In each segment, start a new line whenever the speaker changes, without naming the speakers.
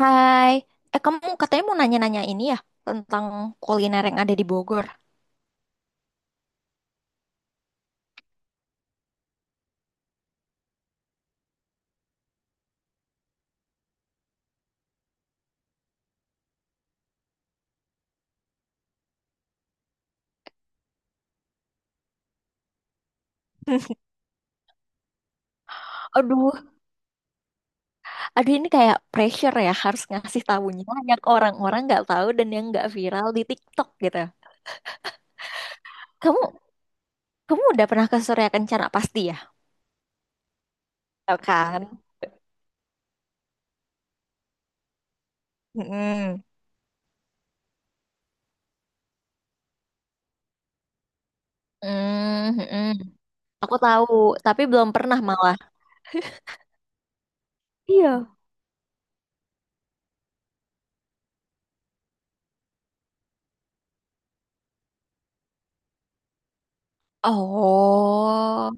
Hai, eh kamu katanya mau nanya-nanya ini ya tentang kuliner yang ada di Bogor. Aduh, aduh ini kayak pressure ya harus ngasih tahunya banyak orang-orang nggak tahu dan yang nggak viral di TikTok gitu. Kamu kamu udah pernah ke Surya Kencana pasti ya? Tahu kan? Mm-mm. Mm, mm-mm. Aku tahu, tapi belum pernah malah. Iya. Oh.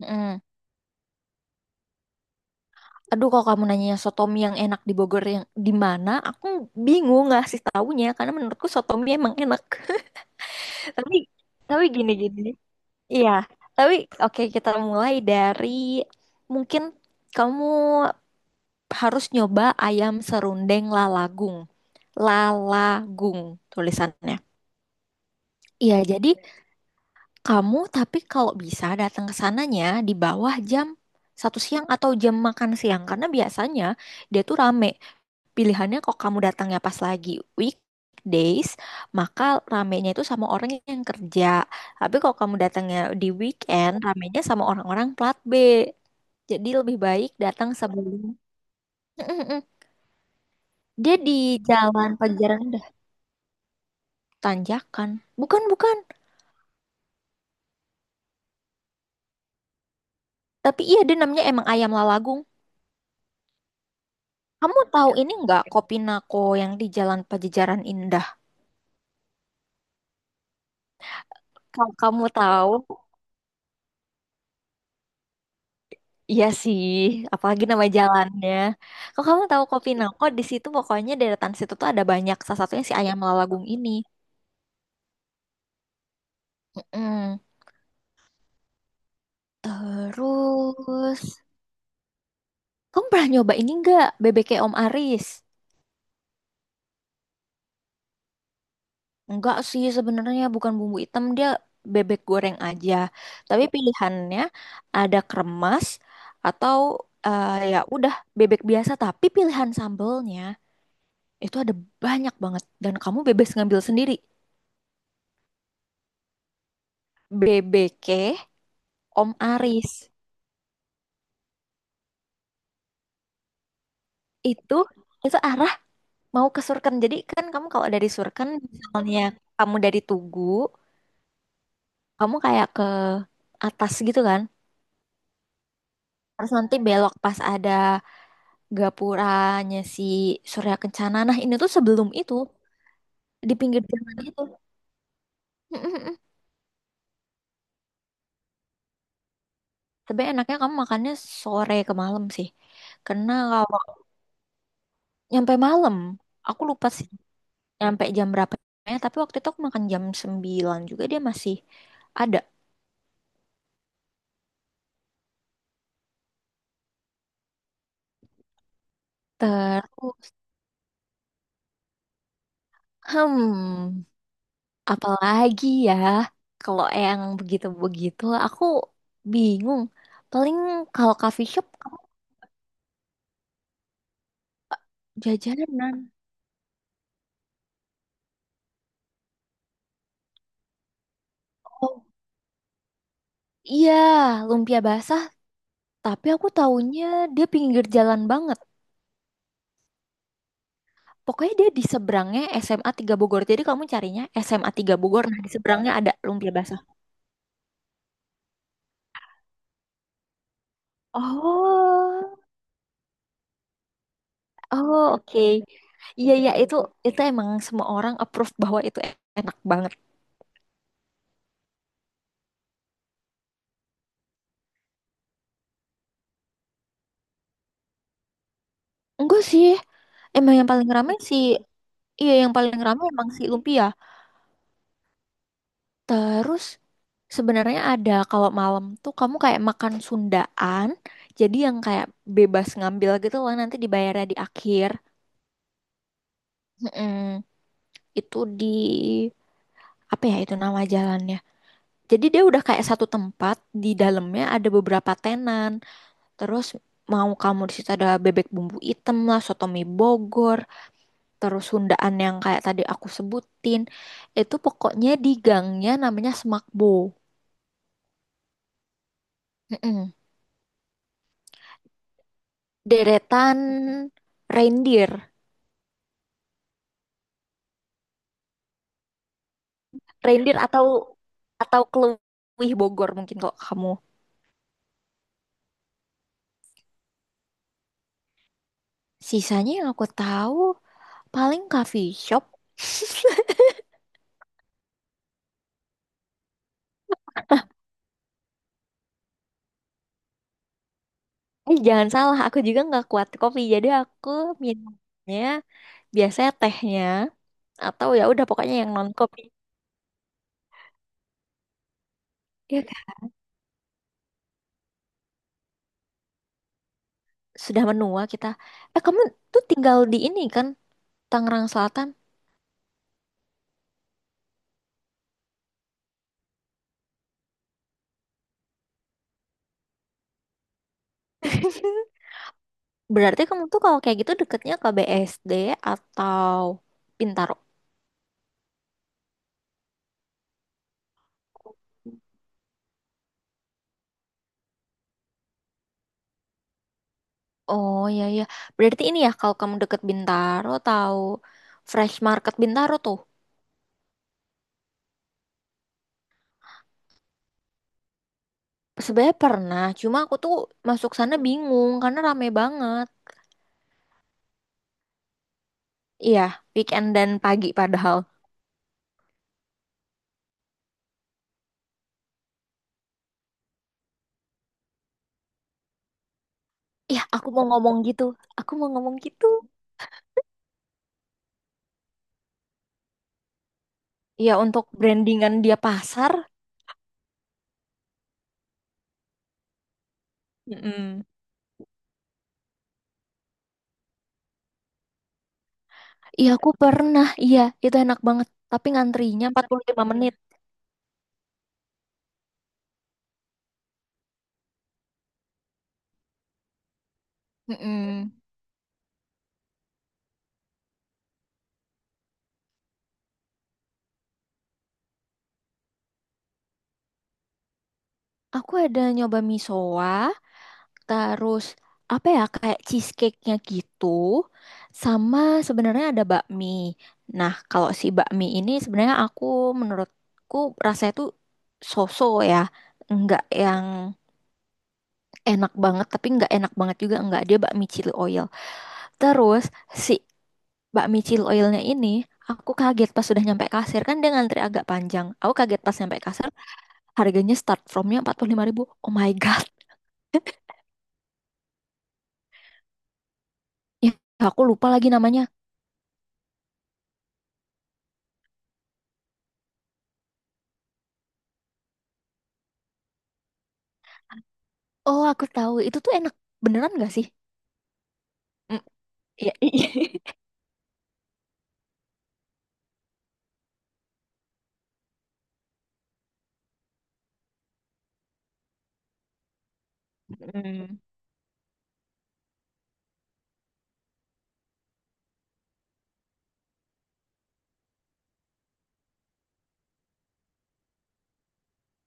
Mm. Aduh, kalau kamu nanya sotomi yang enak di Bogor yang di mana, aku bingung ngasih taunya karena menurutku sotomi emang enak. Tapi tapi gini-gini. Iya, tapi oke kita mulai dari mungkin kamu harus nyoba ayam serundeng lalagung. Lalagung tulisannya. Iya, jadi kamu tapi kalau bisa datang ke sananya di bawah jam satu siang atau jam makan siang karena biasanya dia tuh rame. Pilihannya kok kamu datangnya pas lagi weekdays, maka ramenya itu sama orang yang kerja. Tapi kalau kamu datangnya di weekend, ramenya sama orang-orang plat B. Jadi lebih baik datang sebelum. Mm-mm-mm. Dia di Jalan Pajajaran udah tanjakan. Bukan, bukan. Tapi iya dia namanya emang Ayam Lalagung. Kamu tahu ini nggak Kopi Nako yang di Jalan Pajajaran Indah? Kalau kamu tahu, iya sih, apalagi nama jalannya. Kalau kamu tahu Kopi Nangko, di situ pokoknya deretan situ tuh ada banyak. Salah satunya si ayam lalagung ini. Mm-mm. Terus, kamu pernah nyoba ini nggak bebeknya Om Aris? Enggak sih sebenarnya bukan bumbu hitam dia bebek goreng aja. Tapi pilihannya ada kremes atau eh, ya udah bebek biasa. Tapi pilihan sambelnya itu ada banyak banget dan kamu bebas ngambil sendiri. Bebek. Om Aris itu itu arah mau ke Surken. Jadi kan kamu kalau dari Surken misalnya kamu dari Tugu, kamu kayak ke atas gitu kan. Terus nanti belok pas ada gapuranya si Surya Kencana. Nah, ini tuh sebelum itu di pinggir jalan itu. Mm-mm-mm. Tapi enaknya kamu makannya sore ke malam sih. Karena kalau nyampe malam, aku lupa sih nyampe jam berapa. Tapi waktu itu aku makan jam 9 juga dia masih ada. Terus Hmm, apalagi ya kalau yang begitu-begitu aku bingung. Paling kalau coffee shop kamu jajanan. Oh iya, lumpia basah, tapi aku taunya dia pinggir jalan banget. Pokoknya dia di seberangnya SMA 3 Bogor. Jadi kamu carinya SMA 3 Bogor. Nah, di seberangnya ada lumpia basah. Oh, oh oke. Iya, iya itu emang semua orang approve bahwa itu enak banget. Enggak sih. Emang yang paling ramai sih. Iya, yang paling ramai emang si lumpia. Terus sebenarnya ada kalau malam tuh kamu kayak makan Sundaan, jadi yang kayak bebas ngambil gitu loh nanti dibayarnya di akhir. Mm-mm. Itu di apa ya itu nama jalannya. Jadi dia udah kayak satu tempat di dalamnya ada beberapa tenan. Terus mau kamu di situ ada bebek bumbu item lah, soto mie Bogor, terus Sundaan yang kayak tadi aku sebutin. Itu pokoknya di gangnya namanya Semakbo. Mm-mm. Deretan reindeer, reindeer atau keluih Bogor mungkin kok kamu. Sisanya yang aku tahu paling coffee shop. Eh jangan salah, aku juga nggak kuat kopi, jadi aku minumnya biasanya tehnya atau ya udah pokoknya yang non kopi. Ya kan? Sudah menua kita. Eh kamu tuh tinggal di ini kan Tangerang Selatan. Berarti kamu tuh kalau kayak gitu deketnya ke BSD atau Pintar. Oh, ya ya. Berarti ini ya kalau kamu deket Bintaro tahu Fresh Market Bintaro tuh. Sebenarnya pernah, cuma aku tuh masuk sana bingung karena rame banget. Iya, weekend dan pagi padahal. Iya, aku mau ngomong gitu. Aku mau ngomong gitu. Iya, untuk brandingan dia pasar. Mm-mm. Iya, aku pernah. Iya, itu enak banget. Tapi ngantrinya 45 menit. Mm-mm. Aku ada nyoba misoa, terus apa ya kayak cheesecake-nya gitu. Sama sebenarnya ada bakmi. Nah, kalau si bakmi ini sebenarnya aku menurutku rasanya tuh so-so ya. Enggak yang enak banget tapi enggak enak banget juga enggak dia bakmi chili oil. Terus si bakmi chili oilnya ini aku kaget pas sudah nyampe kasir kan dia ngantri agak panjang. Aku kaget pas nyampe kasir harganya start from-nya 45 ribu. Oh my God. Ya, aku lupa lagi namanya. Oh, aku tahu. Itu tuh enak. Beneran gak sih? Mm, iya, iya. Hmm.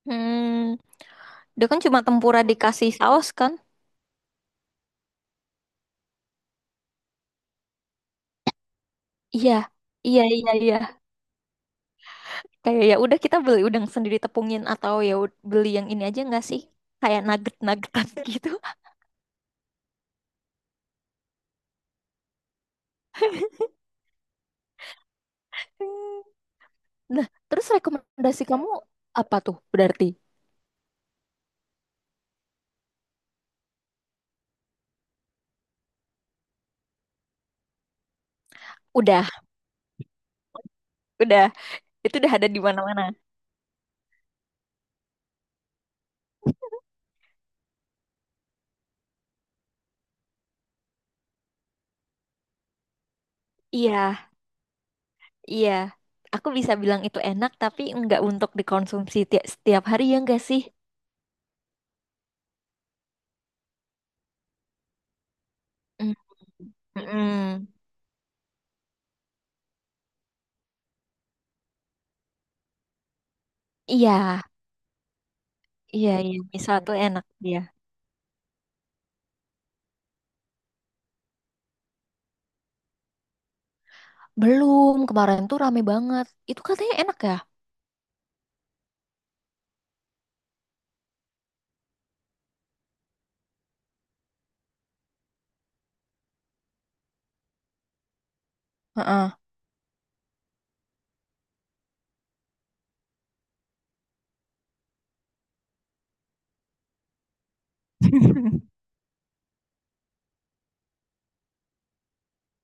Hmm. Dia kan cuma tempura dikasih saus kan? Iya. Iya, iya, iya. Kayak ya udah kita beli udang sendiri tepungin atau beli yang ini aja nggak sih? Kayak nugget-nuggetan gitu. Nah, terus rekomendasi kamu apa tuh? Berarti udah, udah. Itu udah ada di mana-mana. Iya, iya. Aku bisa bilang itu enak tapi nggak untuk dikonsumsi setiap hari ya nggak sih? Mm, mm-mm. Iya, iya, iya. Misal tuh enak dia. Belum, kemarin tuh rame banget. Itu katanya enak ya? Heeh.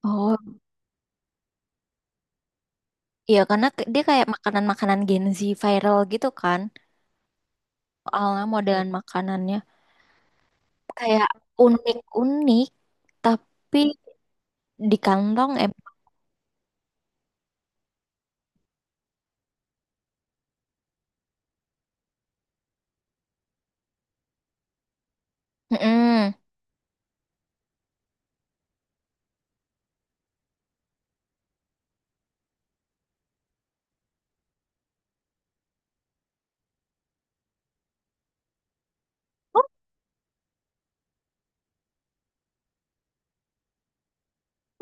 Oh, iya karena dia kayak makanan-makanan Gen Z viral gitu kan. Soalnya modelan makanannya kayak unik-unik tapi di kantong em. Mm-mm.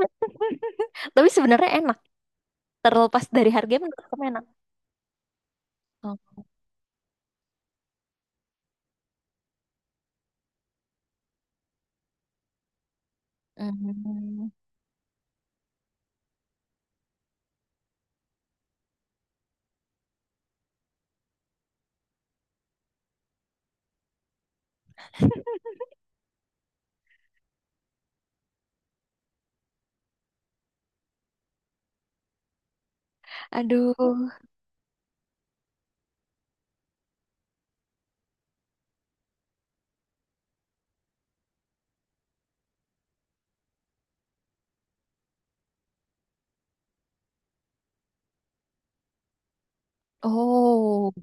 Tapi sebenarnya enak. Terlepas dari harga menurut kamu enak. Oh. Mm. Aduh. Oh,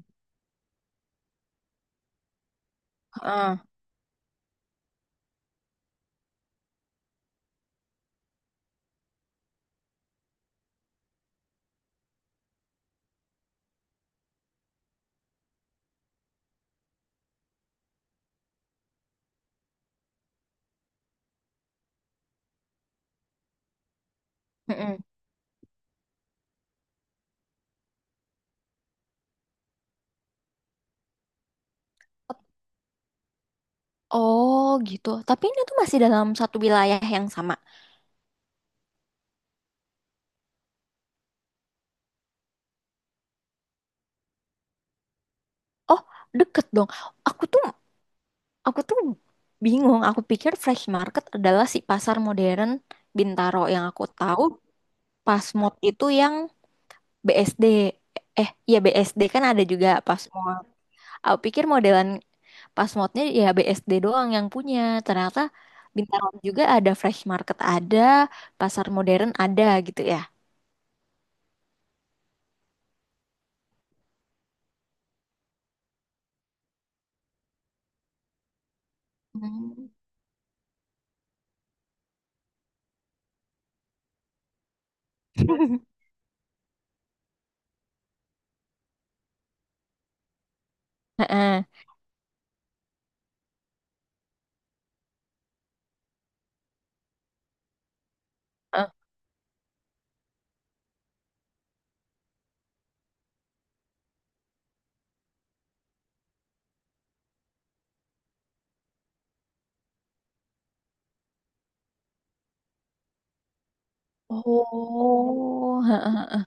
heeh. Mm-mm. Oh gitu. Tapi ini tuh masih dalam satu wilayah yang sama. Oh, deket dong. Aku tuh aku tuh bingung. Aku pikir Fresh Market adalah si pasar modern Bintaro yang aku tahu. Pasmod itu yang BSD. Eh, ya BSD kan ada juga Pasmod. Aku pikir modelan Pasmodnya ya BSD doang yang punya. Ternyata Bintaro juga ada Fresh Market ada, pasar modern ada gitu ya. Hmm. Heeh. Oh, heeh, heeh.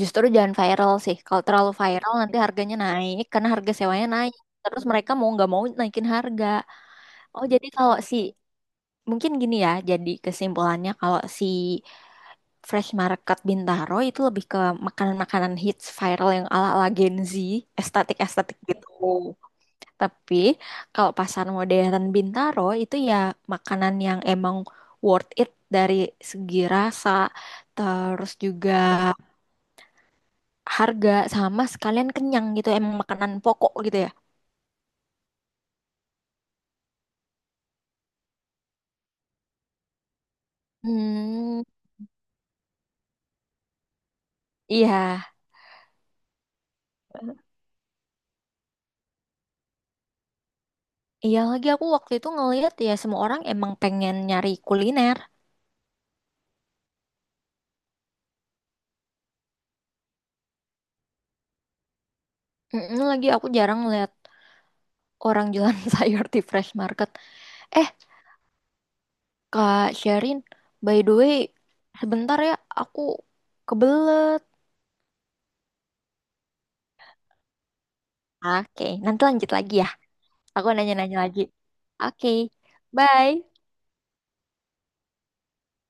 Justru jangan viral sih. Kalau terlalu viral nanti harganya naik karena harga sewanya naik. Terus mereka mau nggak mau naikin harga. Oh, jadi kalau si mungkin gini ya. Jadi kesimpulannya kalau si Fresh Market Bintaro itu lebih ke makanan-makanan hits viral yang ala-ala Gen Z, estetik-estetik gitu. Tapi kalau pasar modern Bintaro itu ya makanan yang emang worth it dari segi rasa, terus juga harga sama sekalian kenyang gitu emang makanan pokok gitu ya. hmm iya, iya lagi aku waktu itu ngelihat ya semua orang emang pengen nyari kuliner. Mm-mm, lagi aku jarang ngeliat orang jualan sayur di fresh market. Eh Kak Sherin by the way sebentar ya aku kebelet. Oke nanti lanjut lagi ya aku nanya-nanya lagi. Oke. Bye.